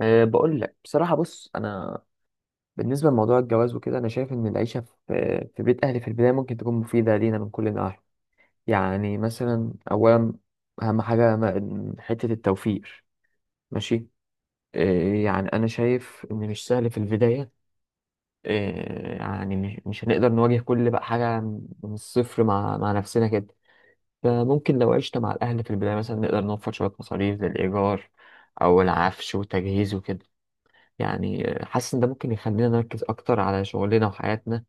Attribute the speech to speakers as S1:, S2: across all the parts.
S1: بقول لك بصراحة. بص أنا بالنسبة لموضوع الجواز وكده أنا شايف إن العيشة في بيت أهلي في البداية ممكن تكون مفيدة لينا من كل النواحي. يعني مثلا أولا أهم حاجة حتة التوفير، ماشي. يعني أنا شايف إن مش سهل في البداية. يعني مش هنقدر نواجه كل بقى حاجة من الصفر مع نفسنا كده. فممكن لو عشنا مع الأهل في البداية مثلا نقدر نوفر شوية مصاريف زي الإيجار أو العفش والتجهيز وكده. يعني حاسس ان ده ممكن يخلينا نركز اكتر على شغلنا وحياتنا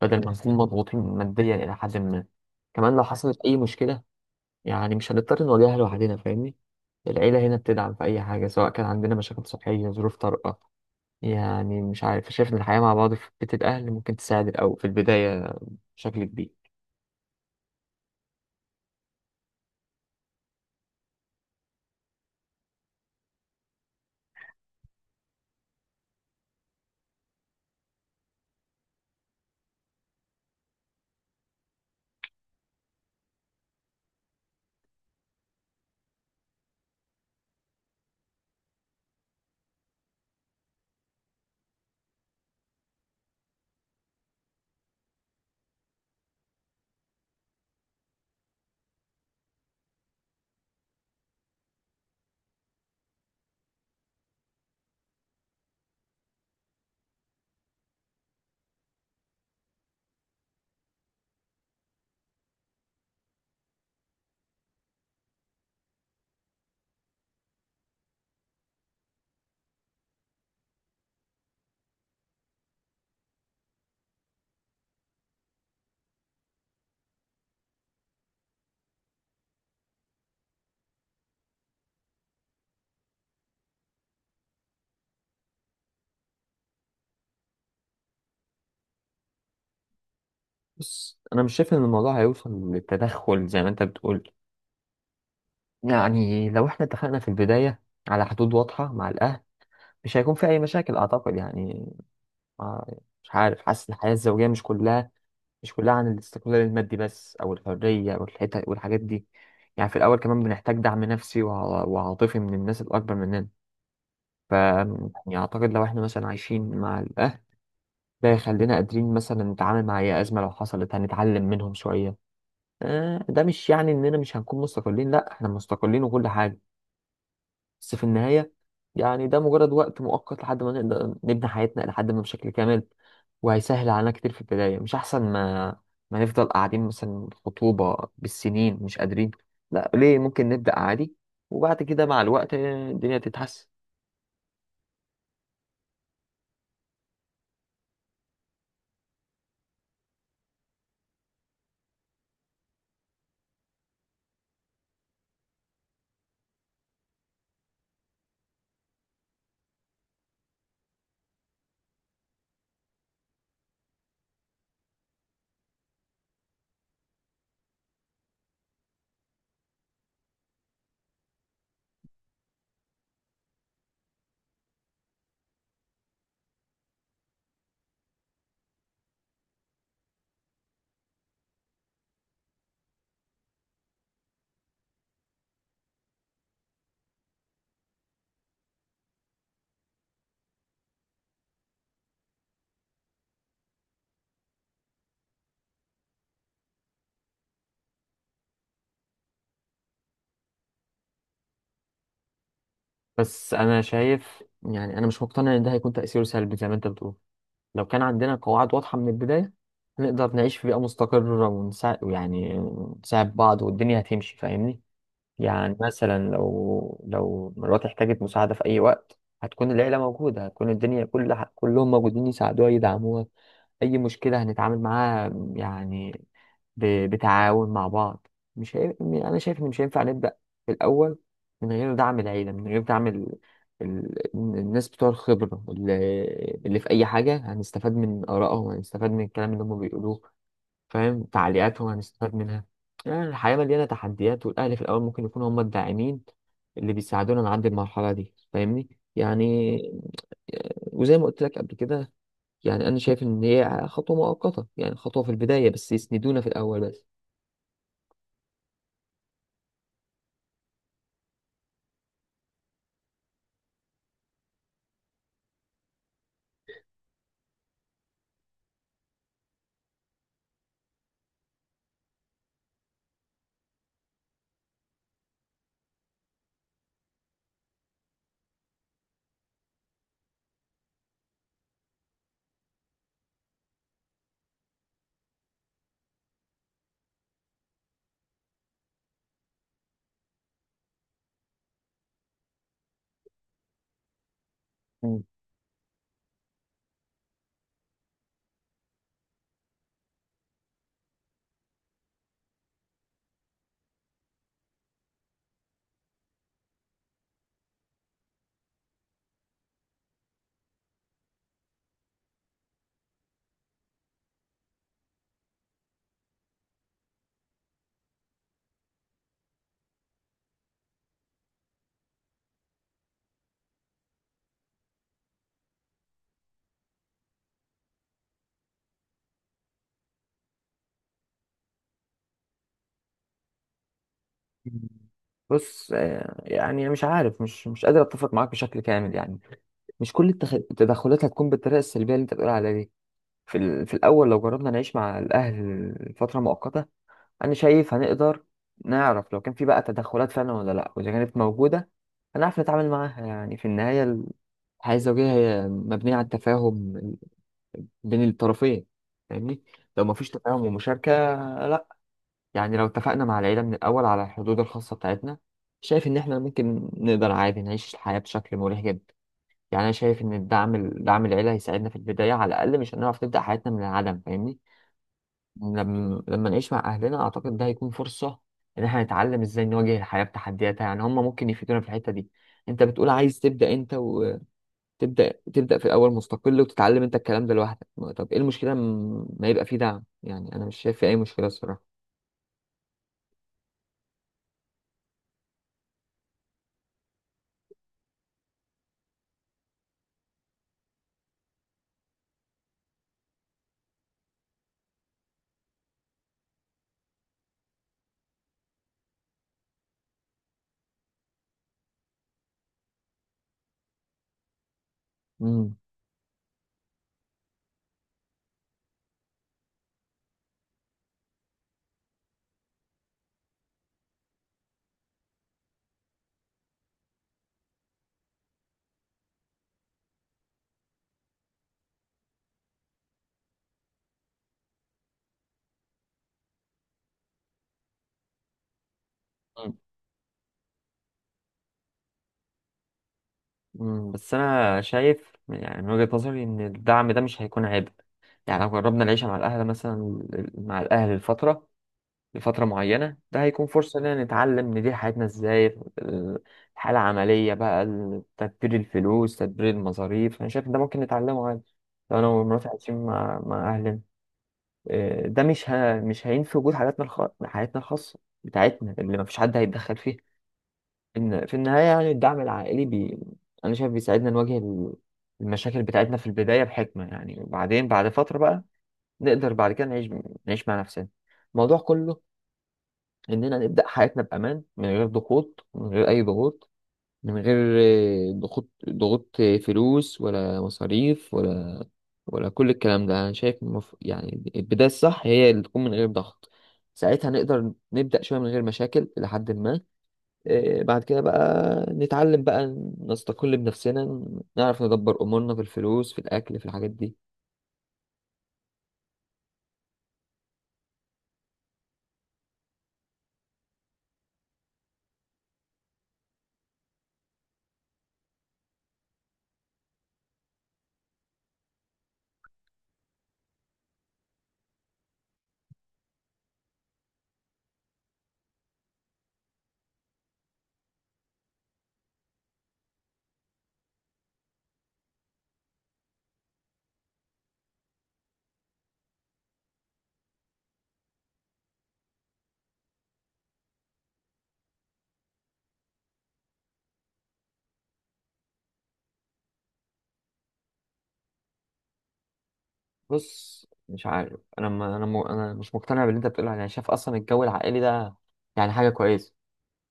S1: بدل ما نكون مضغوطين ماديا الى حد ما. كمان لو حصلت اي مشكله يعني مش هنضطر نواجهها لوحدنا، فاهمني؟ العيله هنا بتدعم في اي حاجه، سواء كان عندنا مشاكل صحيه، ظروف طارئه. يعني مش عارف، شايف ان الحياه مع بعض في بيت الاهل ممكن تساعد او في البدايه بشكل كبير. بس انا مش شايف ان الموضوع هيوصل للتدخل زي ما انت بتقول. يعني لو احنا اتفقنا في البدايه على حدود واضحه مع الاهل، مش هيكون في اي مشاكل اعتقد يعني. ما- مش عارف، حاسس ان الحياة الزوجية مش كلها عن الاستقلال المادي بس، او الحرية والحتة والحاجات دي. يعني في الاول كمان بنحتاج دعم نفسي وعاطفي من الناس الاكبر مننا. ف يعني اعتقد لو احنا مثلا عايشين مع الاهل، ده يخلينا قادرين مثلا نتعامل مع اي ازمة لو حصلت، هنتعلم منهم شوية. آه، ده مش يعني اننا مش هنكون مستقلين، لا احنا مستقلين وكل حاجة. بس في النهاية يعني ده مجرد وقت مؤقت لحد ما نقدر نبني حياتنا لحد ما بشكل كامل، وهيسهل علينا كتير في البداية. مش أحسن ما نفضل قاعدين مثلا خطوبة بالسنين مش قادرين؟ لا، ليه؟ ممكن نبدأ عادي وبعد كده مع الوقت الدنيا تتحسن. بس أنا شايف يعني أنا مش مقتنع إن ده هيكون تأثيره سلبي زي ما أنت بتقول. لو كان عندنا قواعد واضحة من البداية، نقدر نعيش في بيئة مستقرة ونساعد، يعني نساعد بعض، والدنيا هتمشي، فاهمني؟ يعني مثلا لو مراتي احتاجت مساعدة في أي وقت، هتكون العيلة موجودة، هتكون الدنيا كلهم موجودين يساعدوها يدعموها. أي مشكلة هنتعامل معاها يعني بتعاون مع بعض. مش هي... أنا شايف إن مش هينفع نبدأ في الأول من غير دعم العيلة، من غير دعم الناس بتوع الخبرة اللي في أي حاجة، هنستفاد من آرائهم، هنستفاد من الكلام اللي هم بيقولوه، فاهم، تعليقاتهم هنستفاد منها. يعني الحياة مليانة تحديات، والأهل في الأول ممكن يكونوا هم الداعمين اللي بيساعدونا نعدي المرحلة دي، فاهمني؟ يعني وزي ما قلت لك قبل كده، يعني أنا شايف إن هي خطوة مؤقتة، يعني خطوة في البداية بس يسندونا في الأول بس. مم. بص، آه، يعني مش عارف، مش قادر اتفق معاك بشكل كامل يعني. مش كل التدخلات هتكون بالطريقه السلبيه اللي انت بتقول عليها دي. في في الاول لو جربنا نعيش مع الاهل فتره مؤقته، انا شايف هنقدر نعرف لو كان في بقى تدخلات فعلا ولا لا، واذا كانت موجوده هنعرف نتعامل معاها يعني. في النهايه الحياه الزوجيه هي مبنيه على التفاهم بين الطرفين، فاهمني؟ لو ما فيش تفاهم ومشاركه، لا. يعني لو اتفقنا مع العيله من الاول على الحدود الخاصه بتاعتنا، شايف ان احنا ممكن نقدر عادي نعيش الحياه بشكل مريح جدا. يعني انا شايف ان الدعم، دعم العيله، هيساعدنا في البدايه على الاقل، مش هنعرف نبدا حياتنا من العدم، فاهمني؟ لما نعيش مع اهلنا اعتقد ده هيكون فرصه ان احنا نتعلم ازاي نواجه الحياه بتحدياتها، يعني هم ممكن يفيدونا في الحته دي. انت بتقول عايز تبدا، انت تبدا في الاول مستقل وتتعلم انت الكلام ده لوحدك. طب ايه المشكله، ما يبقى فيه دعم؟ يعني انا مش شايف في اي مشكله الصراحه. امم بس انا شايف يعني من وجهه نظري ان الدعم ده مش هيكون عبء. يعني لو جربنا العيشه مع الاهل مثلا، مع الاهل لفترة معينة، ده هيكون فرصة إننا نتعلم ندير حياتنا إزاي. ال- الحالة العملية بقى، تدبير الفلوس، تدبير المصاريف، أنا شايف إن ده ممكن نتعلمه عادي لو أنا ومراتي عايشين مع أهلنا. إيه، ده مش هينفي وجود حياتنا الخاصة بتاعتنا اللي مفيش حد هيتدخل فيها. إن في النهاية يعني الدعم العائلي أنا شايف بيساعدنا نواجه المشاكل بتاعتنا في البداية بحكمة يعني. وبعدين بعد فترة بقى نقدر بعد كده نعيش، مع نفسنا. الموضوع كله اننا نبدا حياتنا بامان من غير ضغوط، من غير اي ضغوط، من غير ضغوط فلوس ولا مصاريف ولا ولا كل الكلام ده. انا شايف يعني البدايه الصح هي اللي تكون من غير ضغط، ساعتها نقدر نبدا شويه من غير مشاكل الى حد ما. آه، بعد كده بقى نتعلم بقى، نستقل بنفسنا، نعرف ندبر امورنا في الفلوس، في الاكل، في الحاجات دي. بص، مش عارف، انا ما انا م... انا مش مقتنع باللي انت بتقوله يعني. شايف اصلا الجو العائلي ده يعني حاجه كويسه،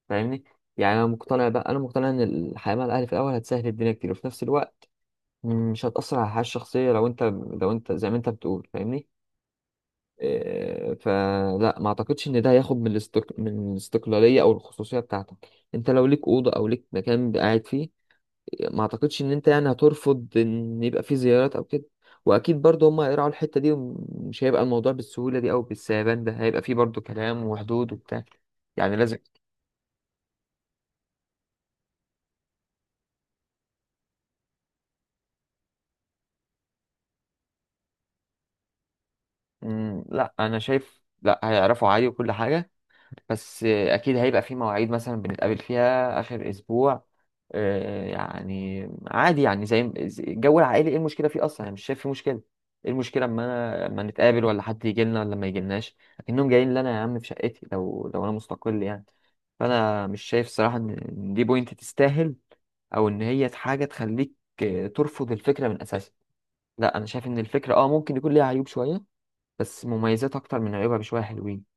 S1: فاهمني؟ يعني انا مقتنع ان الحياه مع الاهل في الاول هتسهل الدنيا كتير، وفي نفس الوقت مش هتاثر على الحياه الشخصيه. لو انت، زي ما انت بتقول، فاهمني؟ إيه، فلا ما اعتقدش ان ده هياخد من من الاستقلاليه او الخصوصيه بتاعتك. انت لو ليك اوضه او ليك مكان قاعد فيه، ما اعتقدش ان انت يعني هترفض ان يبقى فيه زيارات او كده. واكيد برضه هم هيراعوا الحته دي، ومش هيبقى الموضوع بالسهوله دي او بالسهبان ده، هيبقى فيه برضه كلام وحدود وبتاع، يعني لازم. مم، لا انا شايف لا هيعرفوا عادي وكل حاجه. بس آه، اكيد هيبقى في مواعيد مثلا بنتقابل فيها اخر اسبوع. آه، يعني عادي يعني، زي الجو العائلي ايه المشكله فيه اصلا؟ انا مش شايف فيه مشكله. ايه المشكله اما انا اما نتقابل ولا حد يجي لنا ولا ما يجيلناش؟ لكنهم جايين لنا يا عم في شقتي لو انا مستقل يعني. فانا مش شايف الصراحه ان إن دي بوينت تستاهل، او ان هي حاجه تخليك آه، ترفض الفكره من اساسها. لا انا شايف ان الفكره اه ممكن يكون ليها عيوب شويه، بس مميزات اكتر من عيوبها بشويه حلوين.